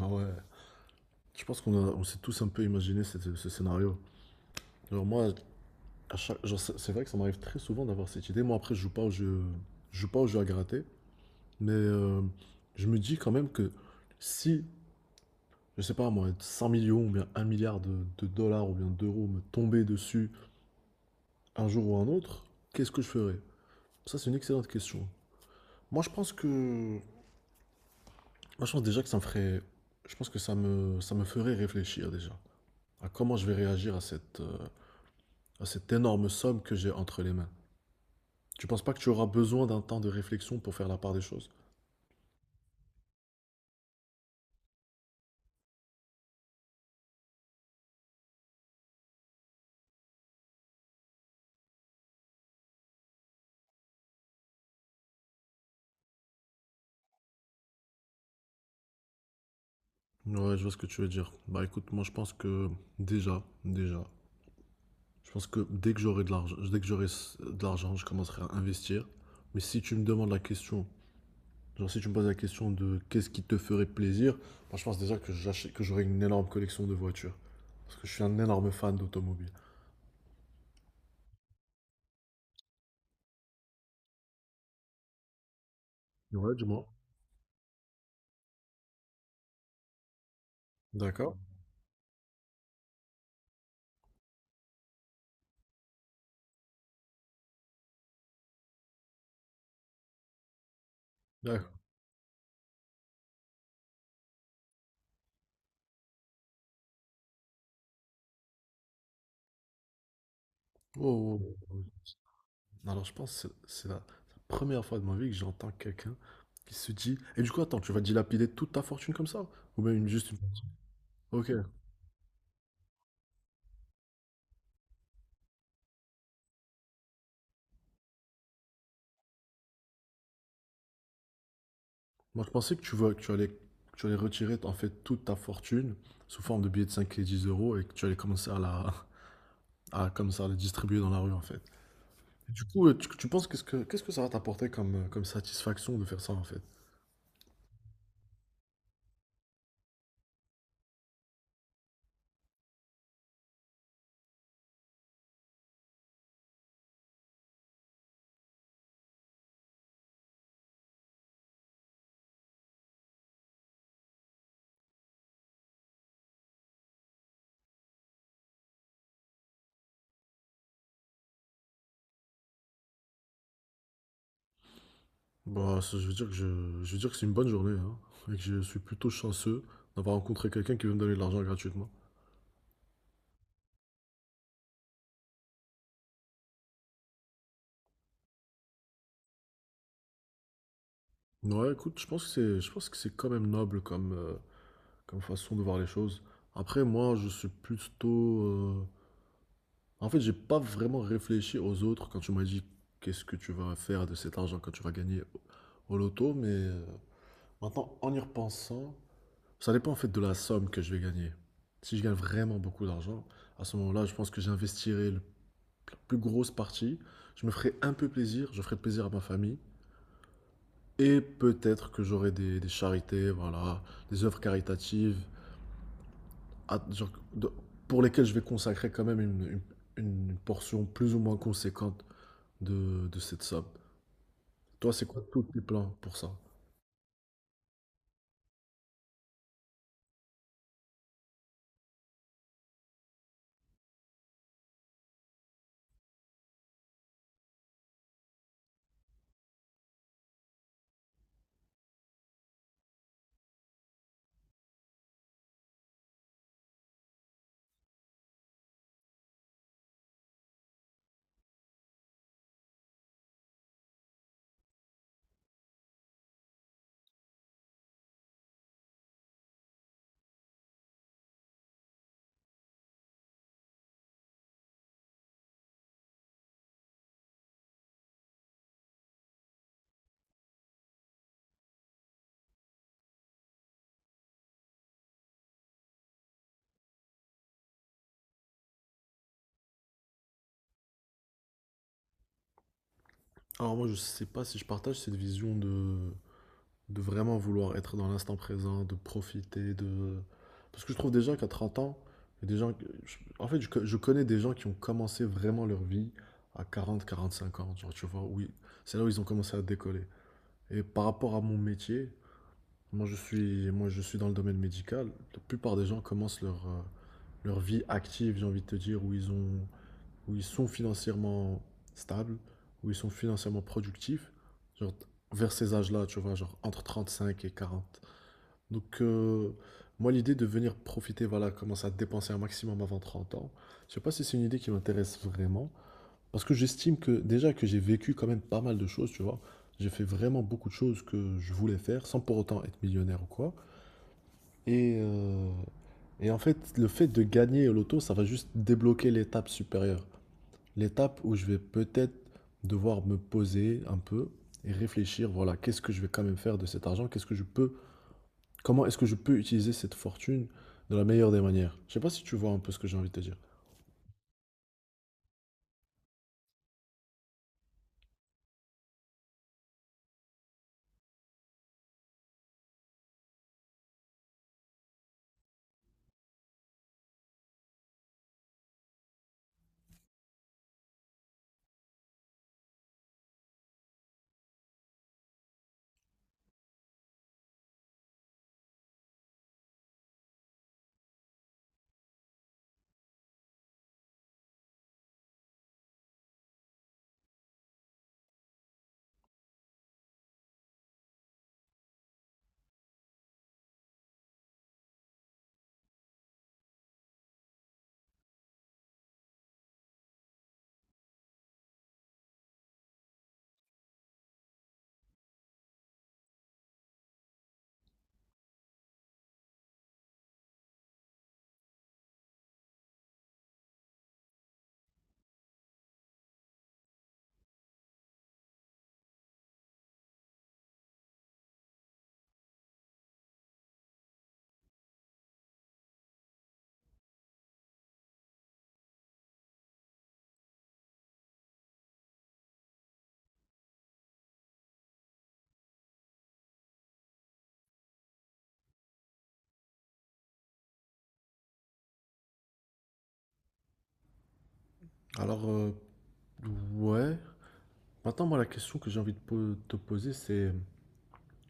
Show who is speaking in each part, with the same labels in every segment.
Speaker 1: Ah ouais. Je pense qu'on s'est tous un peu imaginé ce scénario. Alors moi, genre, c'est vrai que ça m'arrive très souvent d'avoir cette idée. Moi, après, je joue pas au jeu, je joue pas au jeu à gratter, mais je me dis quand même que si, je sais pas moi, 100 millions ou bien 1 milliard de dollars ou bien d'euros me tombaient dessus un jour ou un autre, qu'est-ce que je ferais? Ça, c'est une excellente question. Moi, je pense que, moi, je pense déjà que ça me ferait, je pense que ça me ferait réfléchir déjà à comment je vais réagir à cette énorme somme que j'ai entre les mains. Tu penses pas que tu auras besoin d'un temps de réflexion pour faire la part des choses. Ouais, je vois ce que tu veux dire. Bah écoute, moi je pense que déjà, je pense que dès que j'aurai de l'argent, dès que de l'argent, je commencerai à investir. Mais si tu me demandes la question, genre si tu me poses la question de qu'est-ce qui te ferait plaisir, moi je pense déjà que j'aurai une énorme collection de voitures. Parce que je suis un énorme fan d'automobile. Ouais, du moins. D'accord. D'accord. Oh, oh, oh. Alors, je pense que c'est la première fois de ma vie que j'entends quelqu'un qui se dit «Et du coup, attends, tu vas dilapider toute ta fortune comme ça?» Ou même juste une. Ok, moi je pensais que tu allais retirer en fait toute ta fortune sous forme de billets de 5 et 10 € et que tu allais commencer comme ça, à les distribuer dans la rue en fait. Et du coup, tu penses qu'est-ce que ça va t'apporter comme satisfaction de faire ça en fait? Bah, ça, je veux dire que je veux dire que c'est une bonne journée hein, et que je suis plutôt chanceux d'avoir rencontré quelqu'un qui veut me donner de l'argent gratuitement. Ouais, écoute, je pense que c'est quand même noble comme façon de voir les choses. Après, moi, je suis plutôt. En fait, j'ai pas vraiment réfléchi aux autres quand tu m'as dit qu'est-ce que tu vas faire de cet argent quand tu vas gagner au loto, mais maintenant, en y repensant, ça dépend en fait de la somme que je vais gagner. Si je gagne vraiment beaucoup d'argent, à ce moment-là, je pense que j'investirai la plus grosse partie. Je me ferai un peu plaisir, je ferai plaisir à ma famille. Et peut-être que j'aurai des charités, voilà, des œuvres caritatives, genre, pour lesquelles je vais consacrer quand même une- une portion plus ou moins conséquente de cette somme. Toi, c'est quoi tous tes plans pour ça? Alors moi, je sais pas si je partage cette vision de vraiment vouloir être dans l'instant présent, de profiter, Parce que je trouve déjà qu'à 30 ans, il y a des gens. En fait, je connais des gens qui ont commencé vraiment leur vie à 40, 45 ans, genre, tu vois, oui, c'est là où ils ont commencé à décoller. Et par rapport à mon métier, moi je suis dans le domaine médical. La plupart des gens commencent leur vie active, j'ai envie de te dire, où ils sont financièrement stables, où ils sont financièrement productifs, genre vers ces âges-là, tu vois, genre entre 35 et 40. Donc moi l'idée de venir profiter, voilà, commencer à dépenser un maximum avant 30 ans, je sais pas si c'est une idée qui m'intéresse vraiment, parce que j'estime que déjà que j'ai vécu quand même pas mal de choses, tu vois. J'ai fait vraiment beaucoup de choses que je voulais faire sans pour autant être millionnaire ou quoi. Et, euh, et en fait, le fait de gagner au loto, ça va juste débloquer l'étape supérieure. L'étape où je vais peut-être devoir me poser un peu et réfléchir, voilà, qu'est-ce que je vais quand même faire de cet argent? Qu'est-ce que je peux, Comment est-ce que je peux utiliser cette fortune de la meilleure des manières? Je sais pas si tu vois un peu ce que j'ai envie de te dire. Alors, ouais, maintenant, moi, la question que j'ai envie de te poser, c'est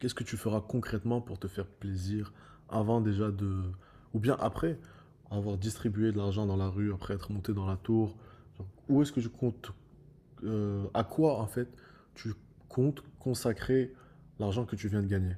Speaker 1: qu'est-ce que tu feras concrètement pour te faire plaisir avant déjà de, ou bien après avoir distribué de l'argent dans la rue, après être monté dans la tour? Genre, où est-ce que je compte, à quoi en fait tu comptes consacrer l'argent que tu viens de gagner?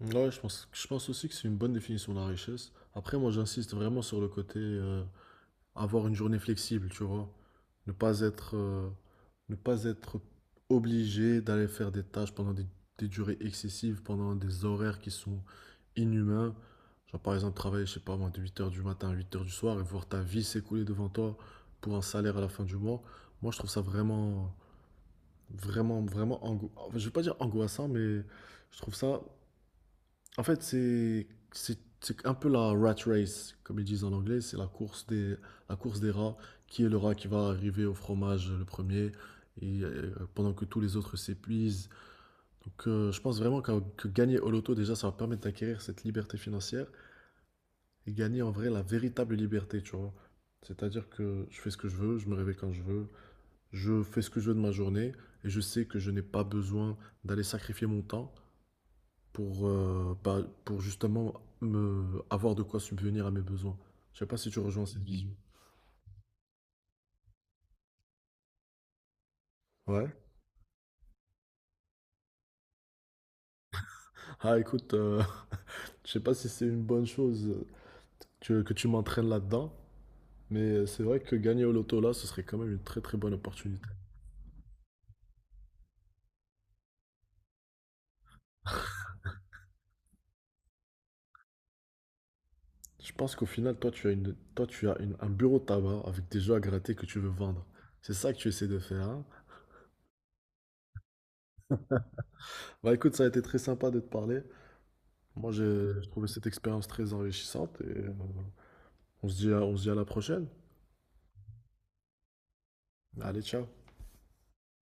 Speaker 1: Ouais, je pense aussi que c'est une bonne définition de la richesse. Après, moi, j'insiste vraiment sur le côté, avoir une journée flexible, tu vois. Ne pas être, euh, ne pas être obligé d'aller faire des tâches pendant des durées excessives, pendant des horaires qui sont inhumains. Genre par exemple travailler, je sais pas moi, de 8 h du matin à 8 heures du soir et voir ta vie s'écouler devant toi pour un salaire à la fin du mois. Moi, je trouve ça vraiment, vraiment, vraiment, enfin, je vais pas dire angoissant, mais je trouve ça en fait, c'est c'est un peu la rat race, comme ils disent en anglais. C'est la course des rats. Qui est le rat qui va arriver au fromage le premier pendant que tous les autres s'épuisent. Donc, je pense vraiment que gagner au loto, déjà, ça va permettre d'acquérir cette liberté financière et gagner en vrai la véritable liberté, tu vois. C'est-à-dire que je fais ce que je veux, je me réveille quand je veux, je fais ce que je veux de ma journée et je sais que je n'ai pas besoin d'aller sacrifier mon temps pour justement me avoir de quoi subvenir à mes besoins. Je sais pas si tu rejoins cette vision. Ouais. Ah écoute, je sais pas si c'est une bonne chose que tu m'entraînes là-dedans, mais c'est vrai que gagner au loto là, ce serait quand même une très très bonne opportunité. Je pense qu'au final, toi tu as un bureau de tabac avec des jeux à gratter que tu veux vendre. C'est ça que tu essaies de faire, hein. Bah écoute, ça a été très sympa de te parler. Moi, j'ai trouvé cette expérience très enrichissante et on se dit à la prochaine. Allez, ciao.